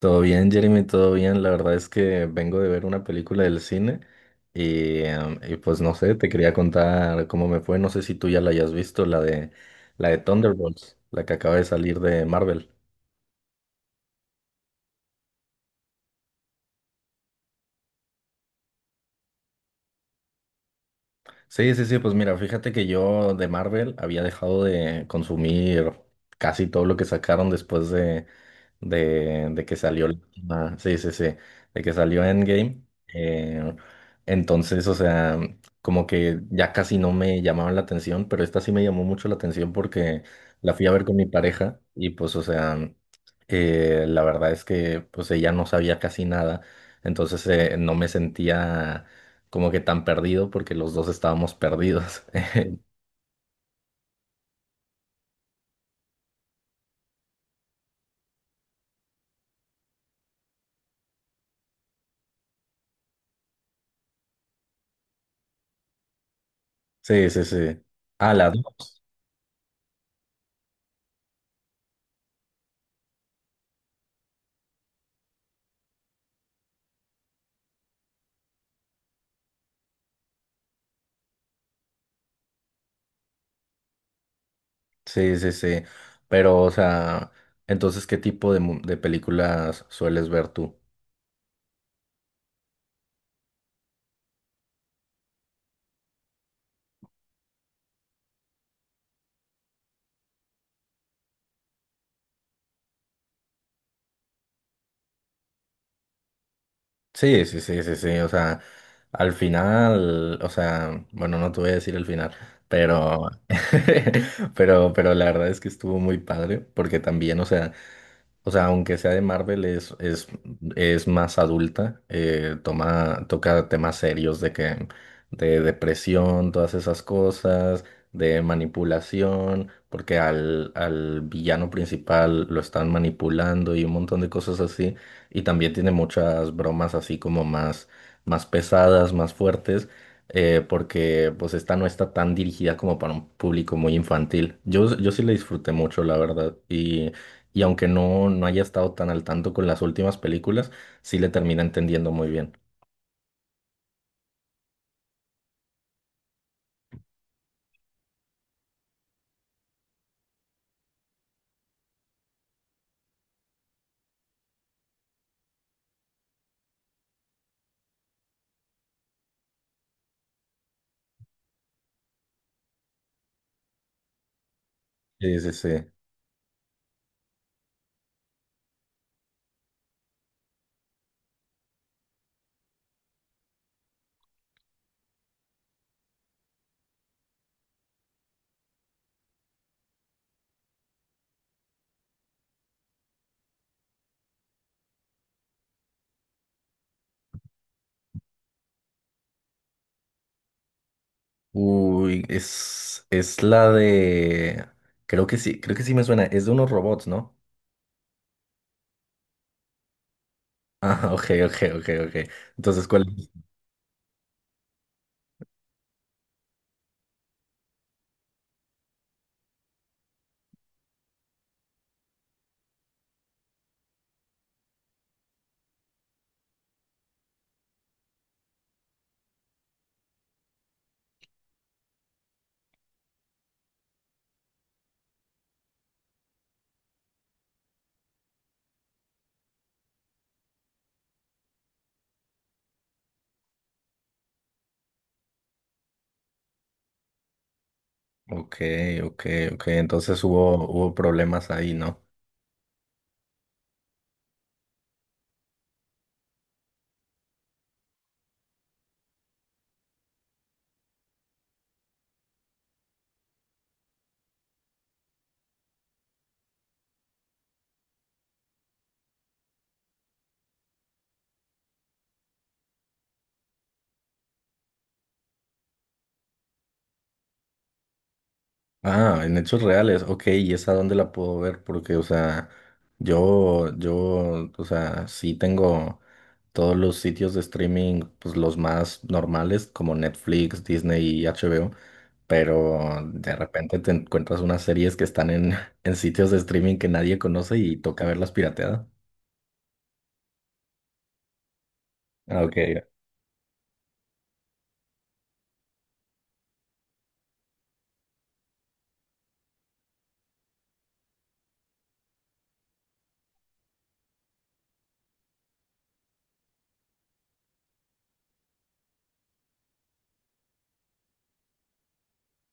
Todo bien, Jeremy, todo bien. La verdad es que vengo de ver una película del cine y pues no sé, te quería contar cómo me fue. No sé si tú ya la hayas visto, la de Thunderbolts, la que acaba de salir de Marvel. Sí, sí, sí, pues mira, fíjate que yo de Marvel había dejado de consumir casi todo lo que sacaron después de que salió sí, sí, sí, de que salió Endgame. Eh, entonces, o sea, como que ya casi no me llamaban la atención, pero esta sí me llamó mucho la atención porque la fui a ver con mi pareja y pues, o sea, la verdad es que pues ella no sabía casi nada, entonces no me sentía como que tan perdido porque los dos estábamos perdidos. Sí, sí, sí. Ah, las dos. Sí, sí, sí. Pero, o sea, entonces, ¿qué tipo de películas sueles ver tú? Sí, sí, sí, sí, sí. O sea, al final, o sea, bueno, no te voy a decir el final, pero, pero la verdad es que estuvo muy padre porque también, o sea, o sea, aunque sea de Marvel, es más adulta, toca temas serios de depresión, todas esas cosas, de manipulación, porque al villano principal lo están manipulando y un montón de cosas así. Y también tiene muchas bromas así como más pesadas, más fuertes, porque pues esta no está tan dirigida como para un público muy infantil. Yo sí la disfruté mucho, la verdad. Y aunque no haya estado tan al tanto con las últimas películas, sí le termina entendiendo muy bien. Sí, sí, sí. Uy. Creo que sí me suena. Es de unos robots, ¿no? Ah, ok, ok, ok, ok. Entonces, ¿cuál es? Ok, ok, ok. Entonces hubo problemas ahí, ¿no? Ah, en hechos reales, ok, ¿y esa dónde la puedo ver? Porque, o sea, yo, o sea, sí tengo todos los sitios de streaming, pues los más normales, como Netflix, Disney y HBO, pero de repente te encuentras unas series que están en, en sitios de streaming que nadie conoce y toca verlas pirateadas. Ah, ok,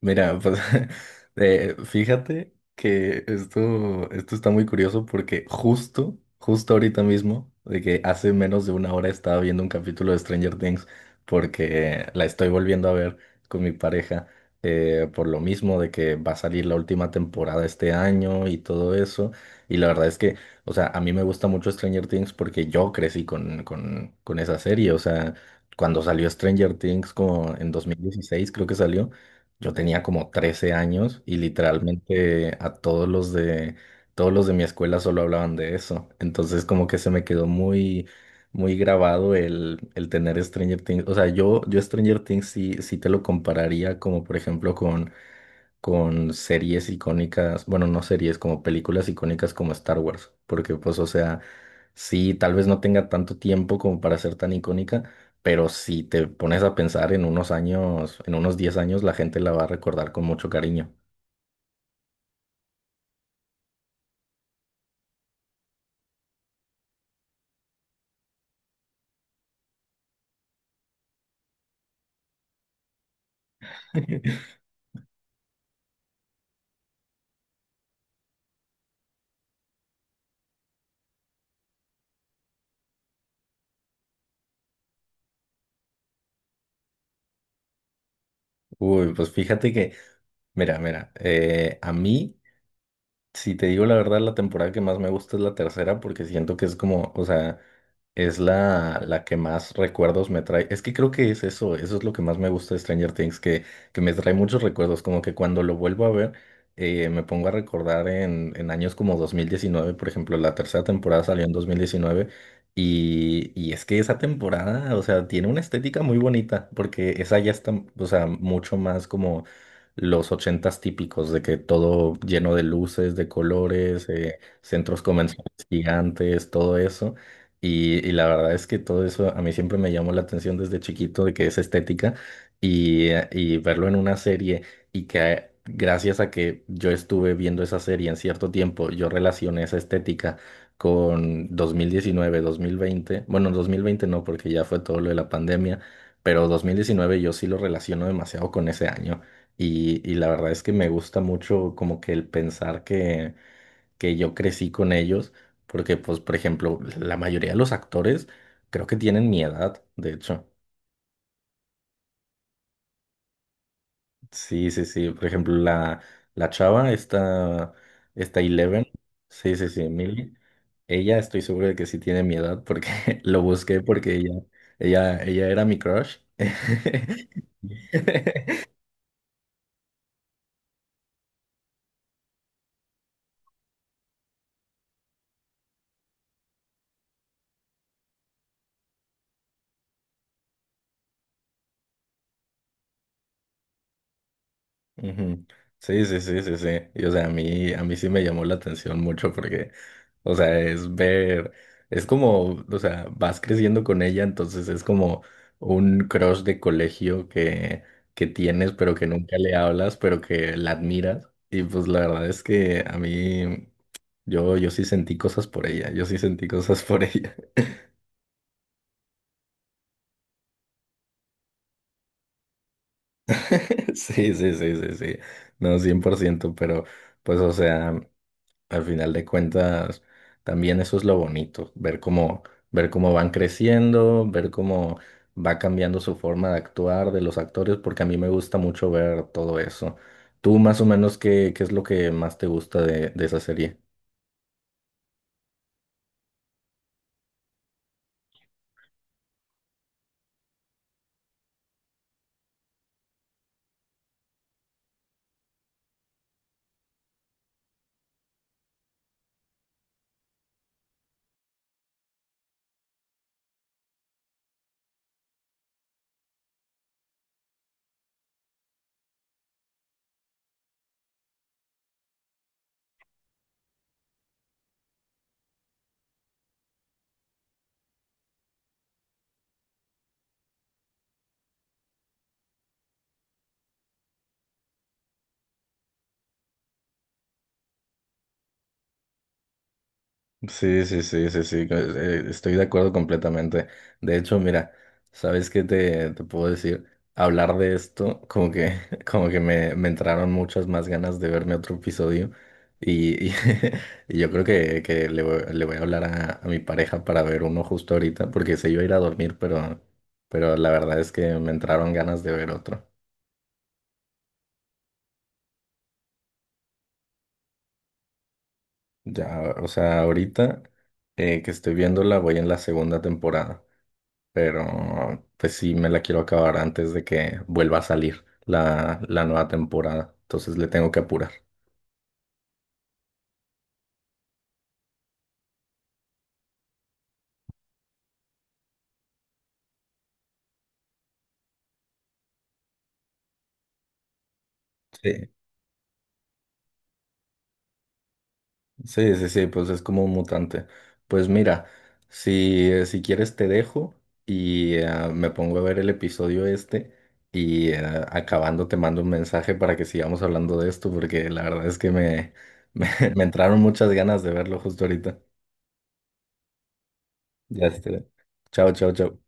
mira, pues fíjate que esto está muy curioso porque justo, justo ahorita mismo, de que hace menos de una hora estaba viendo un capítulo de Stranger Things porque la estoy volviendo a ver con mi pareja por lo mismo de que va a salir la última temporada este año y todo eso. Y la verdad es que, o sea, a mí me gusta mucho Stranger Things porque yo crecí con esa serie, o sea, cuando salió Stranger Things como en 2016 creo que salió. Yo tenía como 13 años y literalmente a todos los de mi escuela solo hablaban de eso. Entonces como que se me quedó muy muy grabado el tener Stranger Things. O sea, yo Stranger Things sí, sí te lo compararía como por ejemplo con series icónicas, bueno, no series, como películas icónicas como Star Wars, porque pues, o sea, sí, tal vez no tenga tanto tiempo como para ser tan icónica, pero si te pones a pensar en unos años, en unos 10 años, la gente la va a recordar con mucho cariño. Uy, pues fíjate que, mira, a mí si te digo la verdad, la temporada que más me gusta es la tercera porque siento que es como, o sea, es la que más recuerdos me trae. Es que creo que es eso. Eso es lo que más me gusta de Stranger Things, que me trae muchos recuerdos, como que cuando lo vuelvo a ver, me pongo a recordar en años como 2019, por ejemplo, la tercera temporada salió en 2019 y es que esa temporada, o sea, tiene una estética muy bonita porque esa ya está, o sea, mucho más como los ochentas típicos, de que todo lleno de luces, de colores, centros comerciales gigantes, todo eso. Y la verdad es que todo eso a mí siempre me llamó la atención desde chiquito, de que es estética, y verlo en una serie y que gracias a que yo estuve viendo esa serie en cierto tiempo, yo relacioné esa estética con dos mil diecinueve, dos mil veinte, bueno, 2020 no, porque ya fue todo lo de la pandemia, pero 2019 yo sí lo relaciono demasiado con ese año. Y la verdad es que me gusta mucho como que el pensar que yo crecí con ellos, porque pues, por ejemplo, la mayoría de los actores creo que tienen mi edad, de hecho. Sí, sí, sí. Por ejemplo, la chava, esta Eleven, sí, sí, sí, Millie, ella estoy seguro de que sí tiene mi edad porque lo busqué porque ella era mi crush. Ujú. Sí, sí, sí, sí, sí. Y o sea, a mí sí me llamó la atención mucho porque, o sea, es como, o sea, vas creciendo con ella, entonces es como un crush de colegio que tienes, pero que nunca le hablas, pero que la admiras. Y pues la verdad es que a mí, yo sí sentí cosas por ella, yo sí sentí cosas por ella. Sí, sí, sí, sí, sí. No, 100%. Pero pues, o sea, al final de cuentas, también eso es lo bonito, ver cómo van creciendo, ver cómo va cambiando su forma de actuar de los actores, porque a mí me gusta mucho ver todo eso. ¿Tú más o menos qué es lo que más te gusta de esa serie? Sí, sí, sí, sí, sí, estoy de acuerdo completamente. De hecho, mira, ¿sabes qué te puedo decir? Hablar de esto, como que, como que me entraron muchas más ganas de verme otro episodio y, y, y yo creo que le voy a hablar a mi pareja para ver uno justo ahorita, porque se iba a ir a dormir, pero la verdad es que me entraron ganas de ver otro. Ya, o sea, ahorita que estoy viéndola, voy en la segunda temporada. Pero pues sí me la quiero acabar antes de que vuelva a salir la nueva temporada. Entonces le tengo que apurar. Sí, sí, sí, sí, pues es como un mutante. Pues mira, si quieres te dejo y me pongo a ver el episodio este y acabando te mando un mensaje para que sigamos hablando de esto porque la verdad es que me, me, me entraron muchas ganas de verlo justo ahorita. Ya está. Chao, chao, chao.